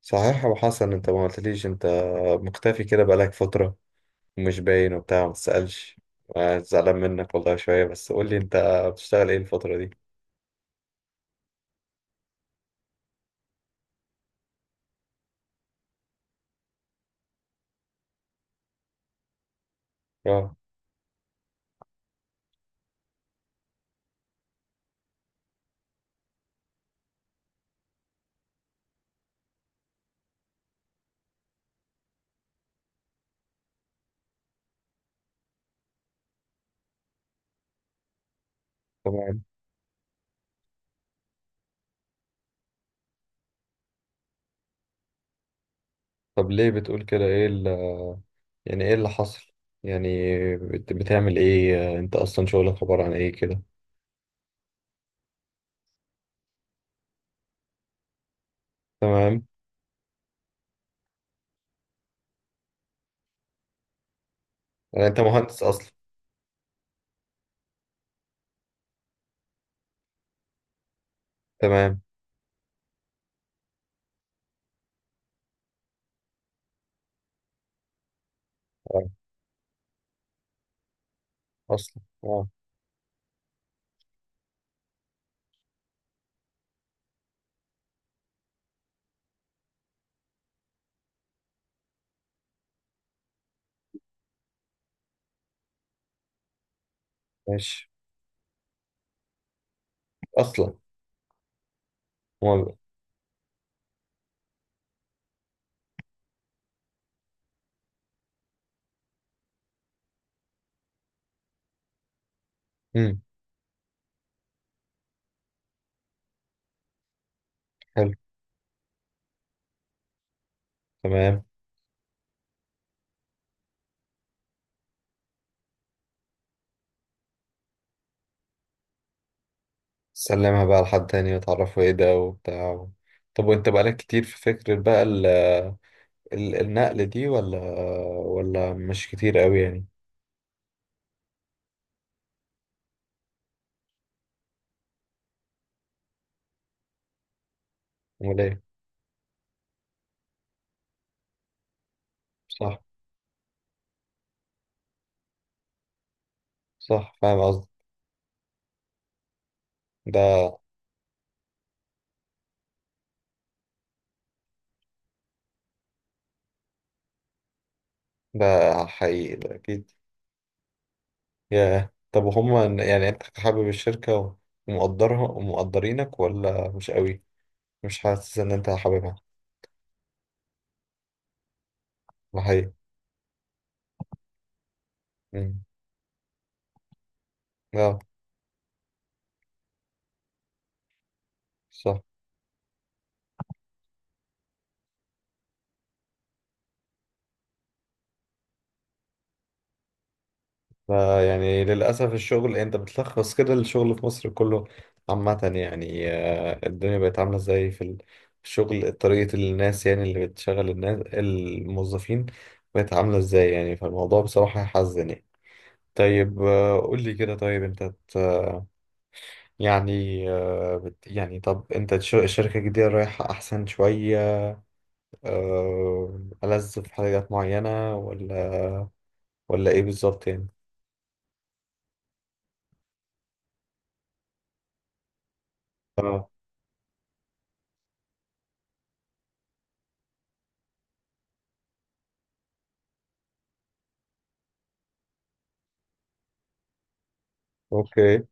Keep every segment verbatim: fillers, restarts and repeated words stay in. صحيح يا ابو حسن، انت ما قلتليش. انت مختفي كده بقالك فترة ومش باين وبتاع ما تسألش. زعلان منك والله شوية، بس قول لي انت بتشتغل ايه الفترة دي؟ اه، تمام. طب ليه بتقول كده؟ ايه ال- يعني ايه اللي حصل يعني؟ بت- بتعمل ايه انت اصلا؟ شغلك عبارة عن ايه كده؟ تمام. يعني انت مهندس اصلا؟ تمام. اه، اصلا اه. ماشي، اصلا. امم حلو. تمام. سلمها بقى لحد تاني وتعرفوا ايه ده وبتاع و... طب وانت بقالك كتير في فكرة بقى ال... ال... النقل دي، ولا ولا مش كتير قوي يعني؟ امال ايه. صح. صح، فاهم قصدي. ده ده حقيقي، ده اكيد. يا طب، وهم يعني انت حابب الشركة ومقدرها ومقدرينك، ولا مش قوي؟ مش حاسس ان انت حاببها. ده حقيقي. مم. اه، صح. فيعني للأسف الشغل، يعني أنت بتلخص كده الشغل في مصر كله عامة يعني. آه، الدنيا بقت عاملة ازاي في ال- في الشغل، طريقة الناس يعني اللي بتشغل الناس الموظفين بقت عاملة ازاي يعني؟ فالموضوع بصراحة يحزن يعني. طيب، آه، قول لي كده. طيب أنت ت- يعني، آه، بت يعني، طب أنت الش- الشركة الجديدة رايحة أحسن شوية، آه، ألذ في حاجات معينة، ولا ولا إيه بالظبط يعني؟ اه، أوكي.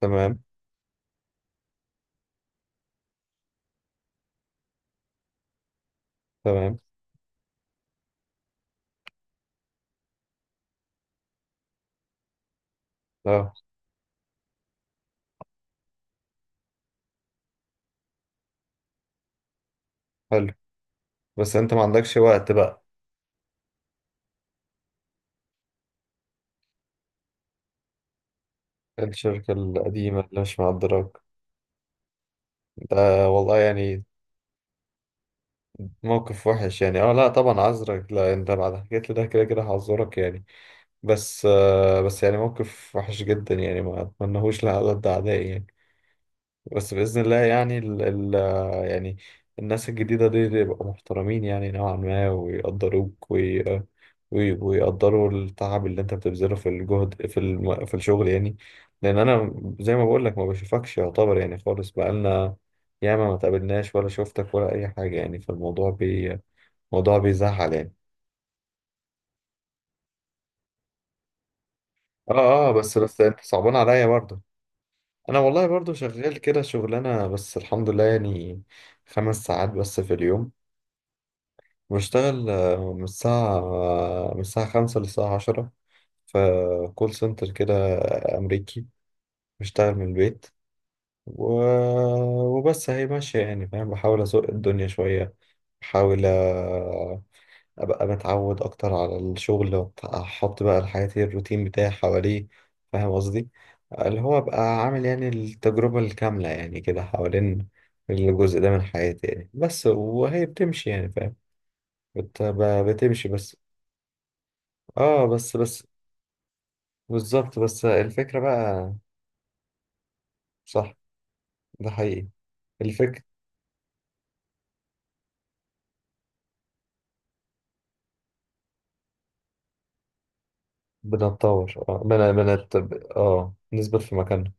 تمام. تمام. اه، حلو. بس انت ما عندكش وقت بقى؟ الشركة القديمة اللي مش مقدراك. ده والله يعني موقف وحش يعني. اه، لا طبعا عذرك، لا انت بعد حكيت لي ده كده كده هعذرك يعني. بس آه، بس يعني موقف وحش جدا يعني، ما اتمنهوش لأعداد أعدائي يعني. بس بإذن الله يعني ال ال يعني الناس الجديدة دي دي يبقوا محترمين يعني نوعا ما ويقدروك وي وي- ويقدروا التعب اللي انت بتبذله في الجهد في الم... في الشغل يعني. لأن أنا زي ما بقول لك، ما بشوفكش يعتبر يعني خالص. بقالنا ياما ما تقابلناش ولا شفتك ولا أي حاجة يعني. فالموضوع بي موضوع بيزعل يعني. اه اه، بس بس انت صعبان عليا برضه. أنا والله برضه شغال كده شغلانة، بس الحمد لله يعني. خمس ساعات بس في اليوم بشتغل. آه، من الساعة آه، من الساعة خمسة للساعة عشرة، في كول سنتر كده أمريكي. بشتغل من البيت و... وبس هي ماشية يعني فاهم؟ بحاول أسوق الدنيا شوية. بحاول آه، أبقى متعود أكتر على الشغل، وأحط بقى حياتي الروتين بتاعي حواليه. فاهم قصدي؟ اللي هو أبقى عامل يعني التجربة الكاملة يعني كده حوالين الجزء ده من حياتي يعني، بس وهي بتمشي يعني فاهم. بت... ب- بتمشي بس. اه، بس بس بالظبط. بس الفكرة بقى. صح، ده حقيقي. الفكرة بنتطور اه بن بنت اه نثبت في مكاننا.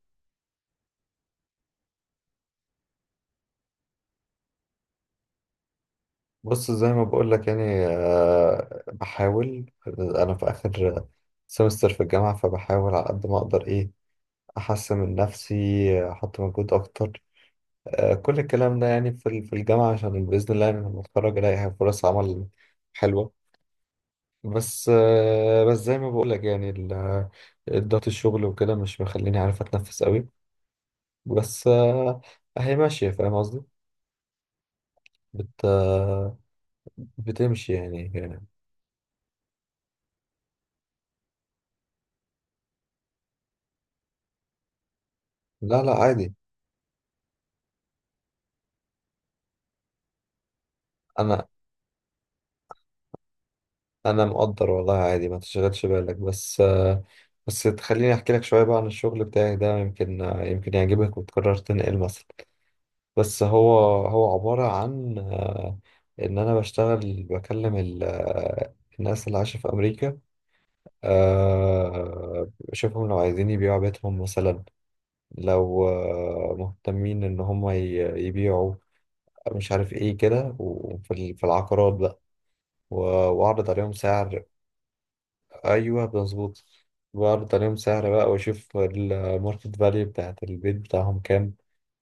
بص، زي ما بقول لك يعني، آه بحاول انا في اخر سمستر في الجامعة، فبحاول على قد ما اقدر ايه احسن من نفسي، احط مجهود اكتر. آه كل الكلام ده يعني في ال- في الجامعة، عشان بإذن الله يعني لما اتخرج الاقي فرص عمل حلوة. بس آه، بس زي ما بقول لك يعني ال- الضغط الشغل وكده مش مخليني عارف اتنفس قوي. بس آه، اهي ماشيه، فاهم قصدي؟ بت آه، بتمشي يعني. لا لا عادي. انا انا مقدر والله، عادي ما تشغلش بالك. بس آه، بس تخليني احكي لك شويه بقى عن الشغل بتاعي ده. يمكن آه، يمكن يعجبك وتقرر تنقل مثلا. بس هو هو عباره عن آه، ان انا بشتغل بكلم ال- آه، الناس اللي عايشه في امريكا. آه، شوفهم لو عايزين يبيعوا بيتهم مثلا. لو آه، مهتمين ان هم ي- يبيعوا، مش عارف ايه كده، وفي ال- في العقارات بقى، و- واعرض عليهم سعر. ايوه مظبوط. واعرض عليهم سعر بقى، واشوف الماركت فاليو بتاعت البيت بتاعهم كام.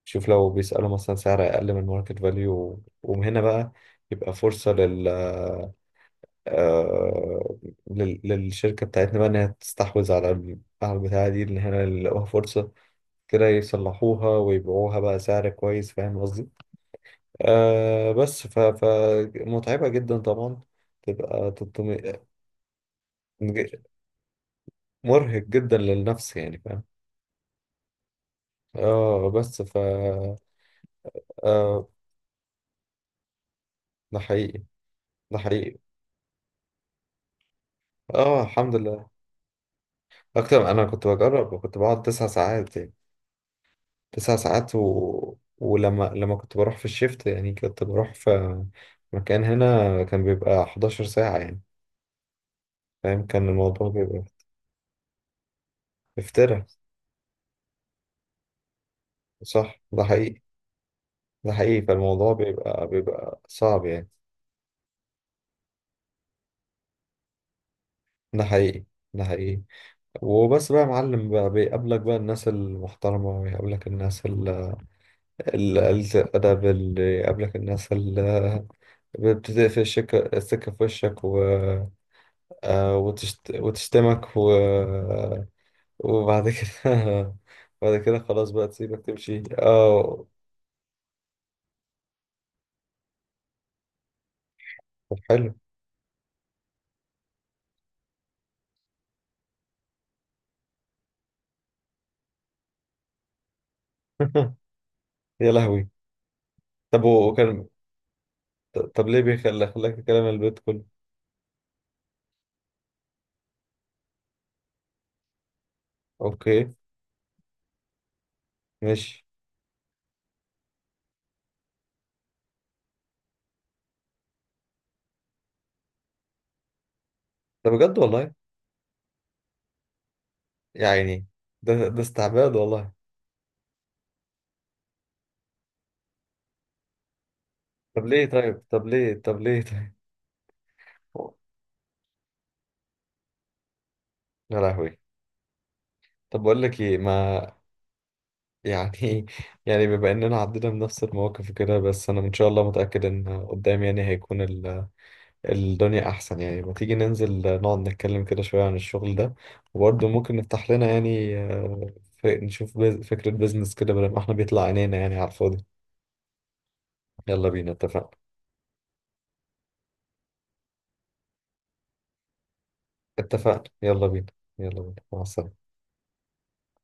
شوف لو بيسألوا مثلا سعر اقل من الماركت فاليو، ومن هنا بقى يبقى فرصة آه، لل- للشركة بتاعتنا بقى، إنها تستحوذ على ال- على البتاعة دي، إن هنا يلاقوها فرصة كده، يصلحوها ويبيعوها بقى سعر كويس. فاهم قصدي؟ آه بس ف... ف متعبة جدا طبعا. تبقى تطم- مرهق جدا للنفس يعني فاهم؟ اه بس ف آه ده حقيقي، ده حقيقي. اه، الحمد لله. أكتر. أنا كنت بجرب وكنت بقعد تسع ساعات يعني. تسع ساعات و... ولما لما كنت بروح في الشيفت يعني، كنت بروح في مكان هنا كان بيبقى حداشر ساعة يعني. فاهم؟ كان الموضوع بيبقى افترا. صح، ده حقيقي. ده حقيقي. فالموضوع بيبقى بيبقى صعب يعني. ده حقيقي. ده حقيقي. وبس بقى يا معلم، بقى بيقابلك بقى الناس المحترمة ويقابلك الناس ال- ال- قلة الأدب اللي يقابلك، الناس اللي بتدق في الشك... السكة في وشك و... آه، وتشت... وتشتمك و... وبعد كده بعد كده خلاص بقى تسيبك تمشي اه. طب حلو. يا لهوي. طب وكان، طب ليه بيخلي خلاك تكلم البيت كله؟ اوكي. ماشي. ده بجد والله. يا عيني. ده ده استعباد والله. طب ليه؟ طيب، طب ليه، طب ليه طيب. يا لهوي. طب بقول لك ايه، ما يعني يعني بما اننا عدينا بنفس المواقف كده. بس انا ان شاء الله متأكد ان قدام يعني هيكون ال الدنيا أحسن يعني. ما تيجي ننزل نقعد نتكلم كده شوية عن الشغل ده، وبرضه ممكن نفتح لنا يعني آه، ف- نشوف بز- فكرة بيزنس كده، بدل ما احنا بيطلع عينينا يعني على الفاضي. يلا بينا، اتفقنا. اتفقنا، يلا بينا. يلا بينا، مع السلامة.